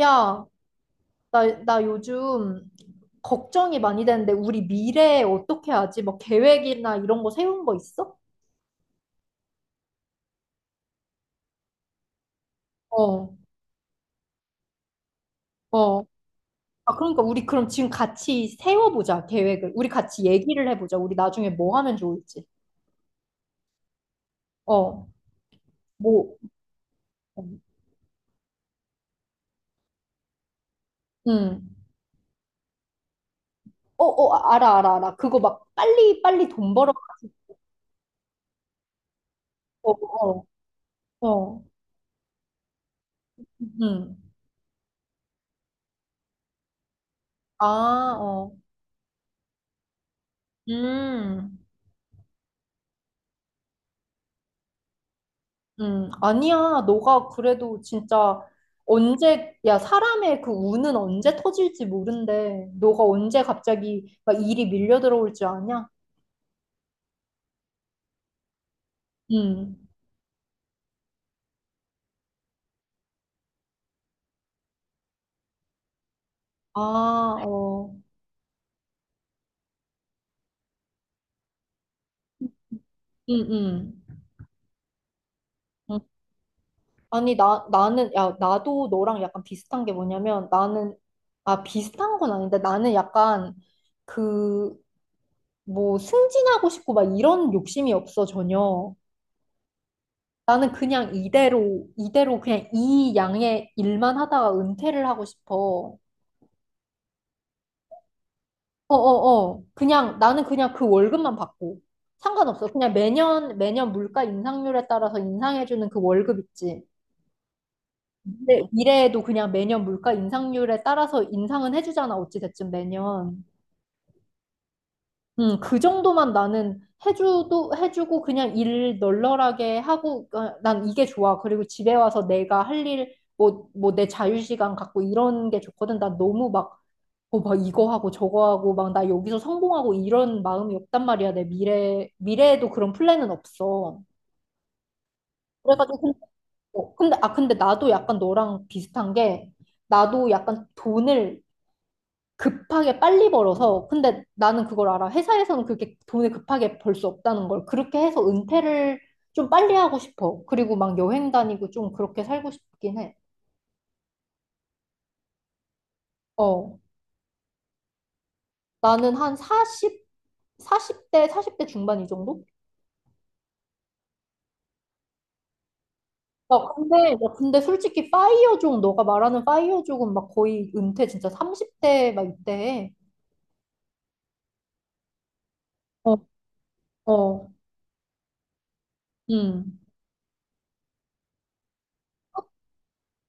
야, 나 요즘 걱정이 많이 되는데 우리 미래에 어떻게 하지? 뭐 계획이나 이런 거 세운 거 있어? 어, 어. 아, 그러니까 우리 그럼 지금 같이 세워보자, 계획을. 우리 같이 얘기를 해보자. 우리 나중에 뭐 하면 좋을지. 어, 뭐, 음. 어, 어, 아, 알아. 그거 막 빨리 돈 벌어. 어, 어, 어. 음. 아, 어. 음. 아니야. 너가 그래도 진짜 언제, 야, 사람의 그 운은 언제 터질지 모른대. 너가 언제 갑자기 막 일이 밀려 들어올 줄 아냐? 음. 아, 어. 음, 음. 음. 아니, 나는, 야, 나도 너랑 약간 비슷한 게 뭐냐면 나는, 아, 비슷한 건 아닌데 나는 약간 그, 뭐, 승진하고 싶고 막 이런 욕심이 없어, 전혀. 나는 그냥 이대로 그냥 이 양의 일만 하다가 은퇴를 하고 싶어. 어 어어. 그냥, 나는 그냥 그 월급만 받고. 상관없어. 그냥 매년 물가 인상률에 따라서 인상해주는 그 월급 있지. 근데 미래에도 그냥 매년 물가 인상률에 따라서 인상은 해주잖아. 어찌됐든 매년. 그 정도만 나는 해주도 해주고 그냥 일 널널하게 하고 어, 난 이게 좋아. 그리고 집에 와서 내가 할 일, 뭐, 뭐 내 자유시간 갖고 이런 게 좋거든. 난 너무 막, 어, 막 이거 하고 저거 하고 막 나 여기서 성공하고 이런 마음이 없단 말이야. 내 미래에도 그런 플랜은 없어. 그래가지고 근데, 어, 근데, 아, 근데 나도 약간 너랑 비슷한 게 나도 약간 돈을 급하게 빨리 벌어서 근데 나는 그걸 알아. 회사에서는 그렇게 돈을 급하게 벌 수 없다는 걸 그렇게 해서 은퇴를 좀 빨리 하고 싶어. 그리고 막 여행 다니고 좀 그렇게 살고 싶긴 해. 어. 나는 한 40, 사십 대 중반 이 정도? 어, 근데, 야, 근데 솔직히 파이어족, 너가 말하는 파이어족은 막 거의 은퇴 진짜 30대 막 이때 해. 어, 어, 음.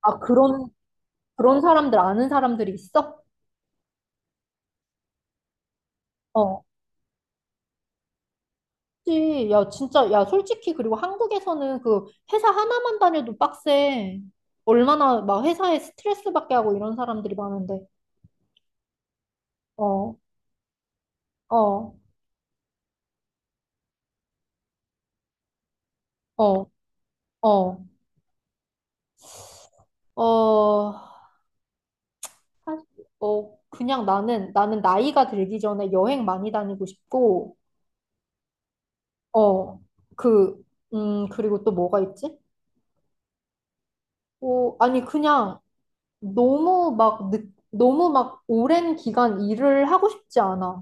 아, 그런 사람들 아는 사람들이 있어? 어. 그치. 야, 진짜, 야, 솔직히, 그리고 한국에서는 그 회사 하나만 다녀도 빡세. 얼마나 막 회사에 스트레스 받게 하고 이런 사람들이 많은데. 어, 어, 어, 어, 어, 사- 어, 그냥 나는 나이가 들기 전에 여행 많이 다니고 싶고, 어, 그, 그리고 또 뭐가 있지? 어, 아니, 그냥 너무 막, 늦, 너무 막 오랜 기간 일을 하고 싶지 않아.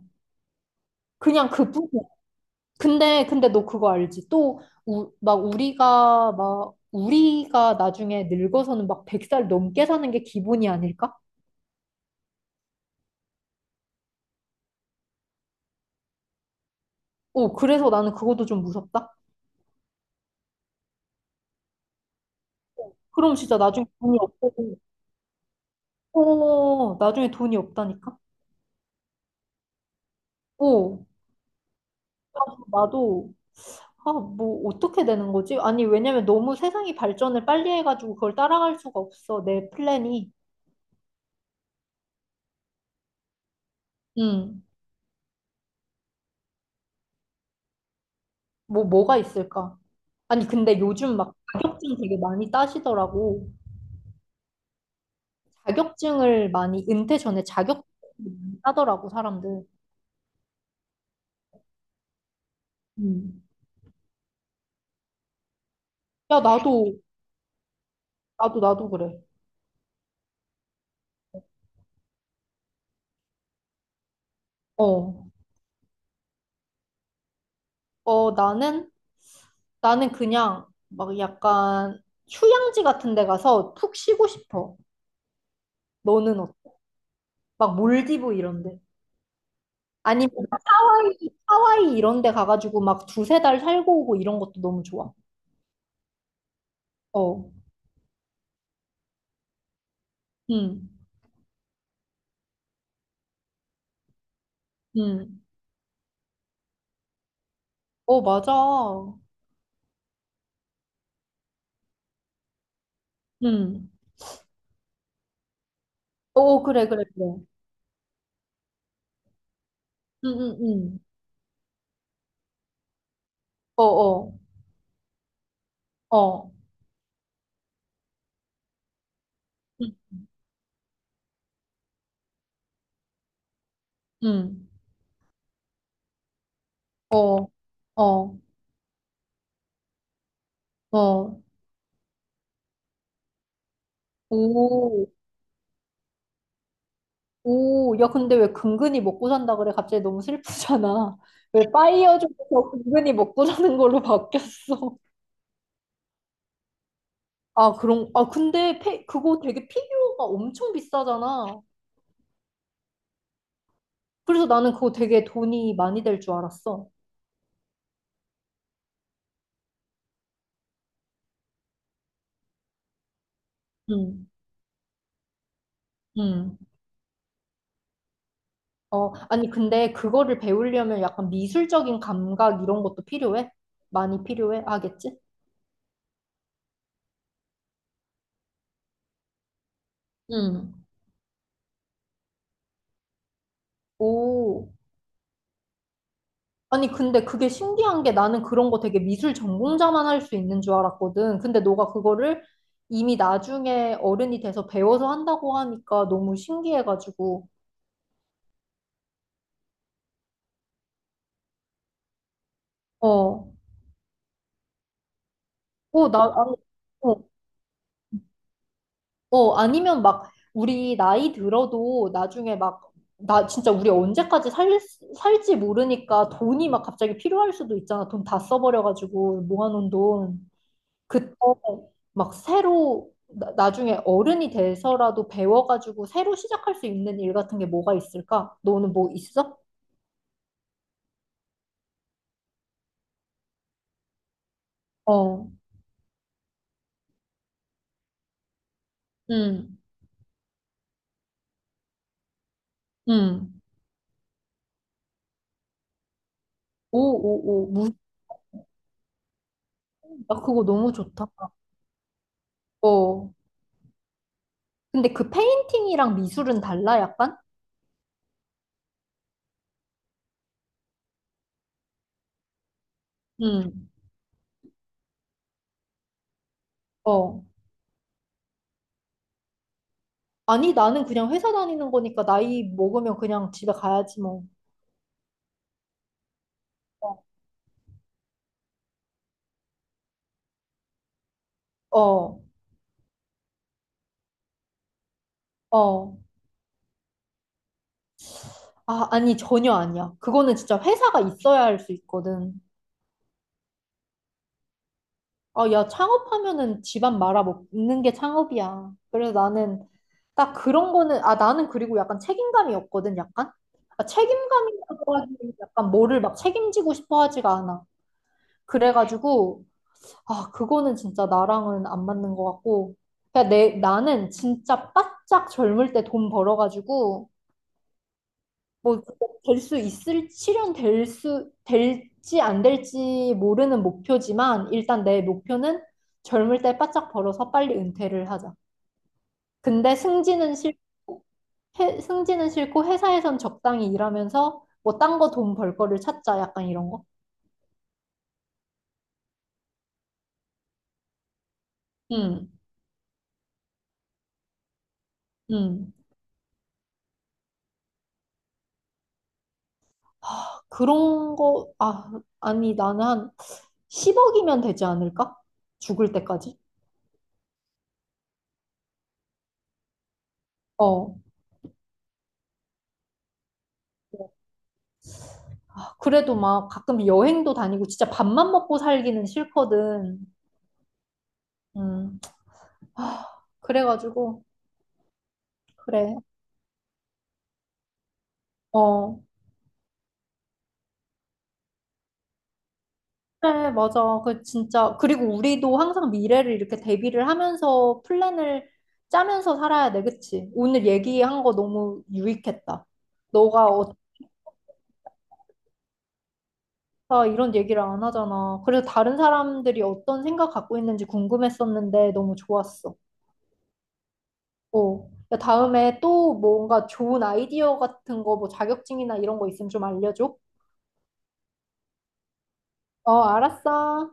그냥 그뿐이야. 근데 너 그거 알지? 또 막 우리가 나중에 늙어서는 막 100살 넘게 사는 게 기본이 아닐까? 어, 그래서 나는 그것도 좀 무섭다. 그럼 진짜 나중에 돈이 없고, 어, 나중에 돈이 없다니까? 어, 나도, 아, 뭐, 어떻게 되는 거지? 아니, 왜냐면 너무 세상이 발전을 빨리 해가지고 그걸 따라갈 수가 없어, 내 플랜이. 음, 뭐, 뭐가 있을까? 아니, 근데 요즘 막 자격증 되게 많이 따시더라고. 자격증을 많이 은퇴 전에 자격증을 많이 따더라고 사람들. 음. 야 나도 그래. 어. 어 나는 그냥 막 약간 휴양지 같은 데 가서 푹 쉬고 싶어. 너는 어때? 막 몰디브 이런 데. 아니면 막 하와이 이런 데 가가지고 막 두세 달 살고 오고 이런 것도 너무 좋아. 어. 음. 음. 어 맞아. 음. 어 어, 그래. 음 음, 음. 어 어. 어. 응. 어, 어, 어. 오, 오. 야, 근데 왜 근근히 먹고 산다 그래? 갑자기 너무 슬프잖아. 왜 파이어 쪽에서 근근히 먹고 사는 걸로 바뀌었어? 아, 그런, 아, 근데 페, 그거 되게 피규어가 엄청 비싸잖아. 그래서 나는 그거 되게 돈이 많이 될 줄 알았어. 응, 응. 어, 아니, 근데 그거를 배우려면 약간 미술적인 감각 이런 것도 필요해? 많이 필요해? 하겠지? 응. 오. 아니, 근데 그게 신기한 게 나는 그런 거 되게 미술 전공자만 할 수 있는 줄 알았거든. 근데 너가 그거를 이미 나중에 어른이 돼서 배워서 한다고 하니까 너무 신기해가지고. 어, 어, 나, 아니, 어, 어, 아니면 막 우리 나이 들어도 나중에 막 나 진짜 우리 언제까지 살, 살지 모르니까 돈이 막 갑자기 필요할 수도 있잖아. 돈 다 써버려가지고 모아놓은 돈. 그때 막 새로 나, 나중에 어른이 돼서라도 배워가지고 새로 시작할 수 있는 일 같은 게 뭐가 있을까? 너는 뭐 있어? 어, 응, 응. 오, 무슨, 나 그거 너무 좋다. 어. 근데 그 페인팅이랑 미술은 달라, 약간? 응, 어. 아니, 나는 그냥 회사 다니는 거니까 나이 먹으면 그냥 집에 가야지, 뭐. 어, 어. 어. 아, 아니, 전혀 아니야. 그거는 진짜 회사가 있어야 할 수 있거든. 아, 야, 창업하면은 집안 말아 먹는 게 창업이야. 그래서 나는 딱 그런 거는, 아, 나는 그리고 약간 책임감이 없거든, 약간? 아, 책임감이라고 하기 약간 뭐를 막 책임지고 싶어 하지가 않아. 그래가지고, 아, 그거는 진짜 나랑은 안 맞는 것 같고. 그냥 내, 나는 진짜 바짝 젊을 때 돈 벌어가지고, 뭐 될 수 있을 실현될 수 될지 안 될지 모르는 목표지만 일단 내 목표는 젊을 때 바짝 벌어서 빨리 은퇴를 하자. 근데 승진은 싫고 회사에선 적당히 일하면서 뭐 딴 거 돈 벌 거를 찾자 약간 이런 거. 음. 음. 하, 그런 거 아, 아니 나는 한 10억이면 되지 않을까? 죽을 때까지. 어. 그래도 막 가끔 여행도 다니고 진짜 밥만 먹고 살기는 싫거든. 음. 하, 그래가지고 그래. 어. 그래, 맞아. 그 진짜 그리고 우리도 항상 미래를 이렇게 대비를 하면서 플랜을 짜면서 살아야 돼, 그치? 오늘 얘기한 거 너무 유익했다. 너가 어쩌다 이런 얘기를 안 하잖아. 그래서 다른 사람들이 어떤 생각 갖고 있는지 궁금했었는데 너무 좋았어. 어. 야, 다음에 또 뭔가 좋은 아이디어 같은 거, 뭐 자격증이나 이런 거 있으면 좀 알려줘. 어, 알았어.